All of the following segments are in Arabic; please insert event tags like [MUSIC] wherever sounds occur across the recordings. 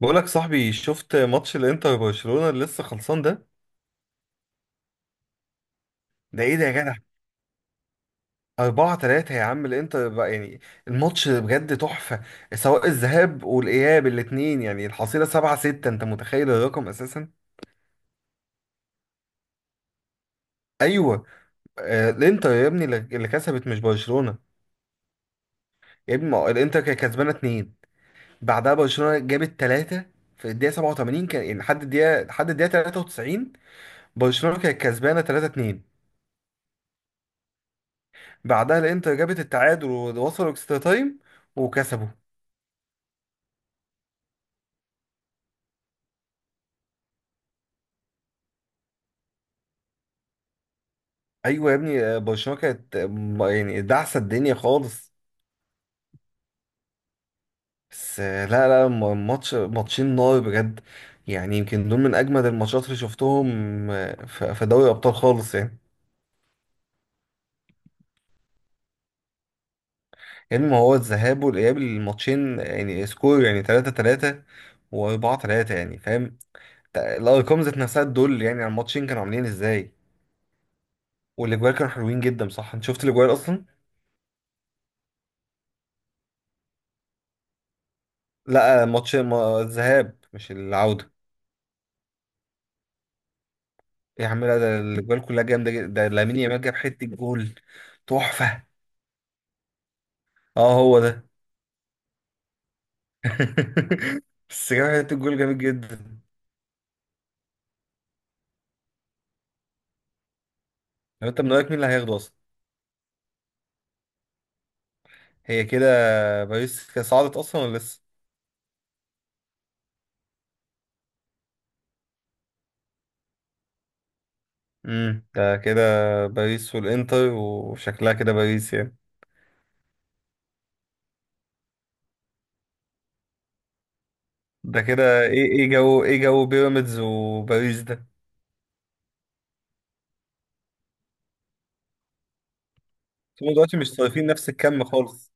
بقولك صاحبي، شفت ماتش الانتر وبرشلونة اللي لسه خلصان ده ايه ده يا جدع؟ 4-3 يا عم الانتر بقى يعني. الماتش بجد تحفة. سواء الذهاب والاياب الاتنين، يعني الحصيلة 7-6، انت متخيل الرقم اساسا؟ ايوه. آه الانتر يا ابني اللي كسبت مش برشلونة. يا ابني ما هو الانتر كانت كسبانة 2، بعدها برشلونة جابت 3 في الدقيقة 87. كان يعني لحد الدقيقة 93 برشلونة كانت كسبانة 3-2. بعدها الانتر جابت التعادل ووصلوا اكسترا تايم، وكسبوا. ايوه يا ابني، برشلونه كانت يعني دعسه الدنيا خالص. بس آه، لا لا م- ماتش، ماتشين نار بجد. يعني يمكن دول من اجمد الماتشات اللي شفتهم في دوري الابطال خالص يعني. يعني ما هو الذهاب والاياب الماتشين يعني سكور يعني 3-3 و4 3 يعني، فاهم؟ الارقام ذات نفسها دول، يعني على الماتشين كانوا عاملين ازاي. والاجوال كانوا حلوين جدا، صح؟ انت شفت الاجوال اصلا؟ لا، ماتش الذهاب مش العودة. إيه يا عم، لا ده الأجوال كلها جامدة جدا. ده لامين يامال جاب حتة جول تحفة. اه هو ده. [LAUGHS] بس جاب حتة جول جامد جدا. لو انت، من رأيك مين اللي هياخده أصلا؟ هي كده. باريس كده صعدت أصلا ولا لسه؟ امم، ده كده. باريس والإنتر، وشكلها كده باريس يعني. ده كده ايه، ايه جو، ايه جو بيراميدز وباريس ده؟ هما دلوقتي مش صارفين نفس الكم خالص.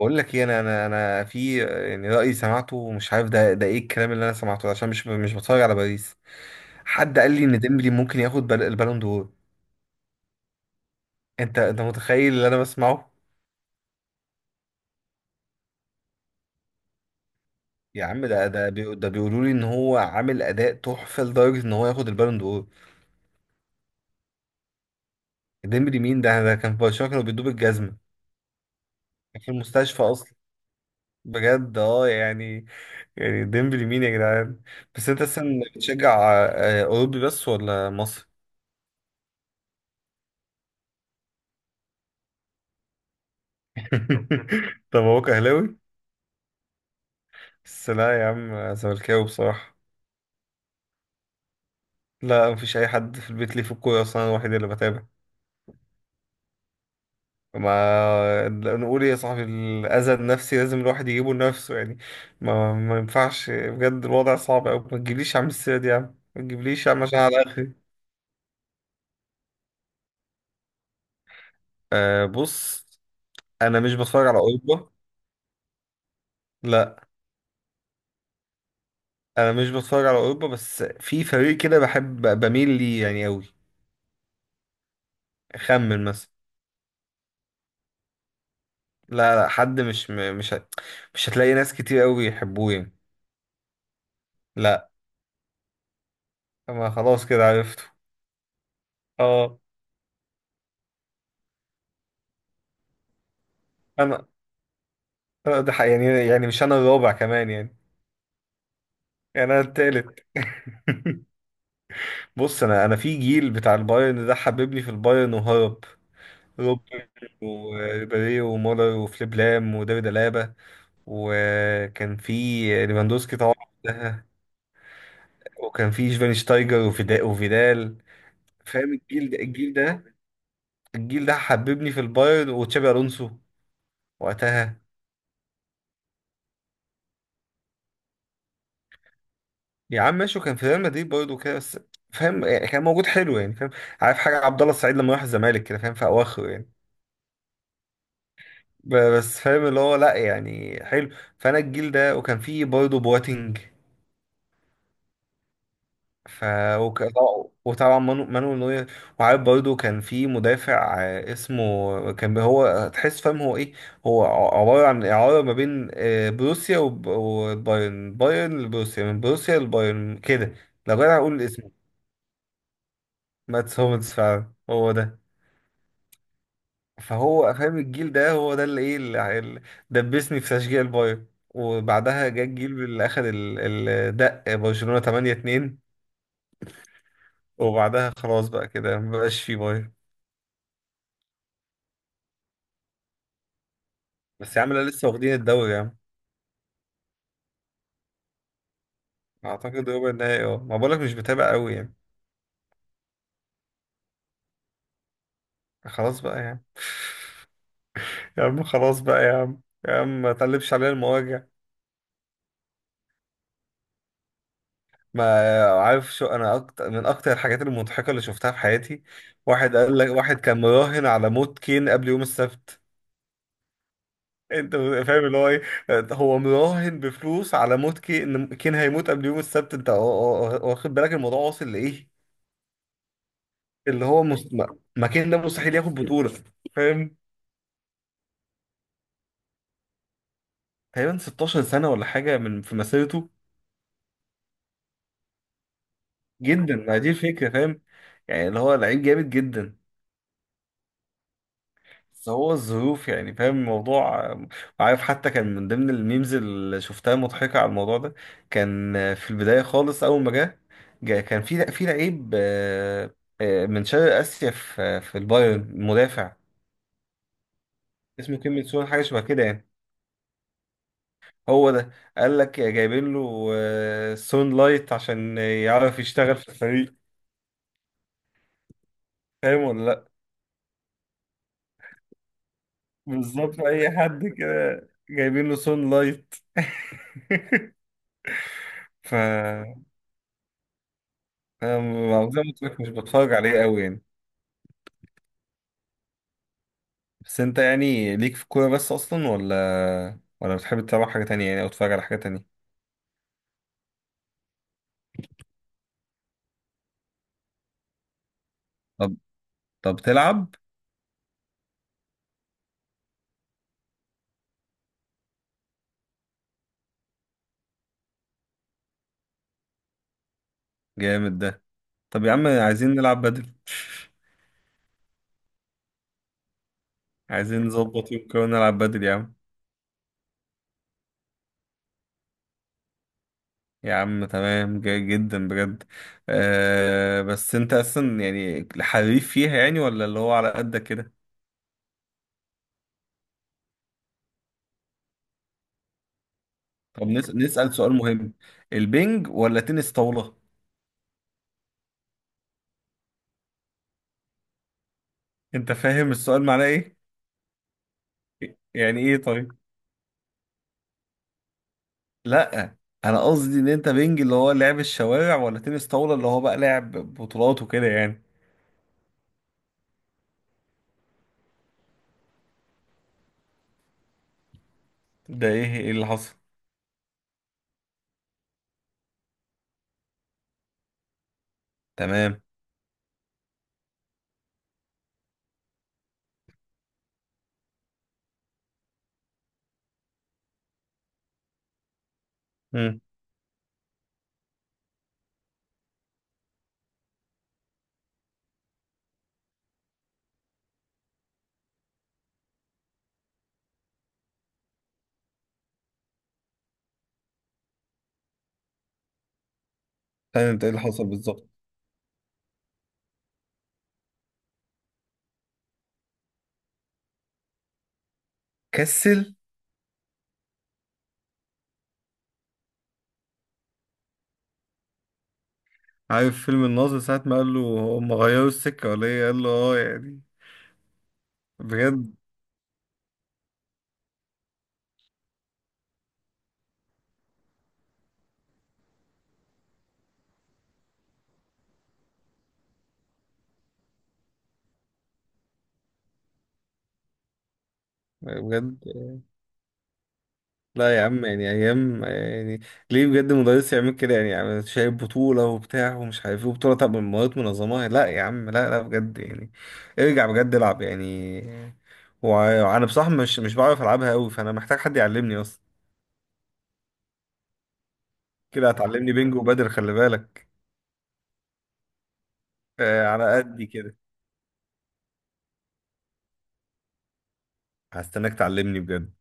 بقول لك ايه، انا في يعني رايي سمعته، مش عارف ده ايه الكلام اللي انا سمعته ده، عشان مش بتفرج على باريس. حد قال لي ان ديمبلي ممكن ياخد البالون دور. انت متخيل اللي انا بسمعه؟ يا عم ده ده بيقولوا لي ان هو عامل اداء تحفه لدرجه ان هو ياخد البالون دور. ديمبلي مين؟ ده كان في برشلونه كانوا بيدوب الجزمه، كان في المستشفى اصلا. بجد اه يعني. يعني ديمبلي مين يا جدعان؟ بس انت اصلا بتشجع اوروبي بس، ولا مصر؟ [LAUGHS] طب هو اهلاوي. بس لا يا عم، زملكاوي بصراحة. لا مفيش أي حد في البيت ليه في الكورة أصلا، أنا الوحيد اللي بتابع. ما نقول إيه يا صاحبي، الأذى النفسي لازم الواحد يجيبه لنفسه يعني. ما ينفعش بجد، الوضع صعب أوي. ما تجيبليش يا عم السيرة دي، يا عم ما تجيبليش يا عم عشان على آخري. أه بص، أنا مش بتفرج على أوروبا. لا، أنا مش بتفرج على أوروبا، بس في فريق كده بحب، بميل ليه يعني أوي. أخمن مثلا. لا لا، حد مش م- مش هت- مش هتلاقي ناس كتير أوي يحبوه يعني. لا. ما خلاص كده عرفته. اه. انا، أنا يعني يعني مش انا الرابع كمان يعني؟ يعني انا التالت. [LAUGHS] بص، انا في جيل بتاع البايرن ده حببني في البايرن وهرب. روبن وريبيري ومولر وفليب لام وديفيد الابا، وكان في ليفاندوسكي طبعا وقتها، وكان في شفاينشتايجر وفيدا وفيدال. فاهم الجيل ده الجيل ده؟ الجيل ده حببني في البايرن، وتشابي الونسو وقتها. يا عم ماشي، وكان في ريال مدريد برضه كده بس. فاهم يعني، كان موجود حلو يعني، فاهم. عارف حاجه، عبد الله السعيد لما راح الزمالك كده، فاهم في اواخره يعني. بس فاهم اللي هو، لا يعني حلو. فانا الجيل ده، وكان فيه برضه بواتينج، ف وك- وطبعا مانويل نوير. وعارف برضه كان في مدافع اسمه، كان هو تحس فاهم هو ايه، هو عباره عن اعاره ما بين بروسيا والبايرن، بايرن لبروسيا، من بروسيا لبايرن كده. لو جدع اقول اسمه. ماتس هوملز، فعلا هو ده. فهو فاهم الجيل ده، هو ده اللي ايه اللي دبسني في تشجيع البايرن. وبعدها جه الجيل اللي اخد الدق، برشلونة 8-2. وبعدها خلاص بقى كده، مبقاش فيه بايرن. بس يا عم لا، لسه واخدين الدوري يا عم. اعتقد ربع النهائي، اه ما بقولك مش بتابع قوي يعني. خلاص بقى يا عم. [LAUGHS] يا عم خلاص بقى يا عم، يا عم ما تقلبش علينا المواجع. ما عارف شو انا اكتر، من اكتر الحاجات المضحكه اللي شفتها في حياتي، واحد قال لك واحد كان مراهن على موت كين قبل يوم السبت. انت فاهم اللي هو ايه؟ هو مراهن بفلوس على موت كي ان كين، هيموت قبل يوم السبت. انت واخد بالك الموضوع واصل لايه؟ اللي هو ما كين ده مستحيل ياخد بطولة، فاهم. تقريبا 16 سنة ولا حاجة من في مسيرته، جدا. ما دي الفكرة فاهم، يعني اللي هو لعيب جامد جدا، بس هو الظروف يعني، فاهم الموضوع. عارف حتى كان من ضمن الميمز اللي شفتها مضحكة على الموضوع ده. كان في البداية خالص أول ما جه، كان في لعيب من شرق آسيا في البايرن، مدافع، اسمه كيم من سون حاجة شبه كده يعني. هو ده. قال لك جايبين له سون لايت عشان يعرف يشتغل في الفريق، فاهم ولا لأ؟ بالظبط أي حد كده جايبين له سون لايت. [LAUGHS] ف، انا زي ما قلت لك مش بتفرج عليه قوي يعني. بس انت يعني، ليك في الكوره بس اصلا، ولا بتحب تتابع حاجه تانية يعني، او تتفرج على حاجه تانية؟ طب طب تلعب. جامد ده. طب يا عم عايزين نلعب بدل. [LAUGHS] عايزين نظبط يوم كده ونلعب بدل يا عم. يا عم تمام، جاي جدا بجد. آه بس انت اصلا يعني حريف فيها يعني، ولا اللي هو على قدك كده؟ طب نسأل سؤال مهم. البنج ولا تنس طاولة؟ انت فاهم السؤال معناه ايه؟ يعني ايه طيب؟ لا انا قصدي ان انت، بينج اللي هو لعب الشوارع، ولا تنس طاولة اللي هو بقى لعب بطولات وكده يعني. ده ايه، ايه اللي حصل؟ تمام. امم. ثاني، انت ايه اللي حصل بالظبط؟ كسل. عارف فيلم الناظر ساعة ما قال له، هم غيروا السكة ولا ايه، قال له اه يعني. بجد. بجد. لا يا عم يعني ايام يعني، ليه بجد مدرس يعمل كده يعني، يعني شايف بطولة وبتاع ومش عارف ايه وبطولة، طب من مواد منظمة، لا يا عم لا لا بجد يعني. ارجع بجد، العب يعني. وانا بصراحة مش بعرف العبها قوي، فانا محتاج حد يعلمني اصلا. كده هتعلمني بينج وبدر، خلي بالك. آه على قدي كده. هستناك تعلمني بجد.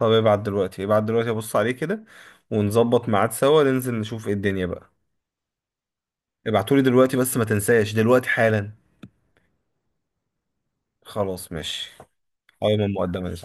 طب ابعت دلوقتي، ابعت دلوقتي ابص عليه كده، ونظبط ميعاد سوا ننزل نشوف ايه الدنيا بقى. ابعتولي دلوقتي بس ما تنساش دلوقتي حالا. خلاص ماشي. قائمة مقدمة.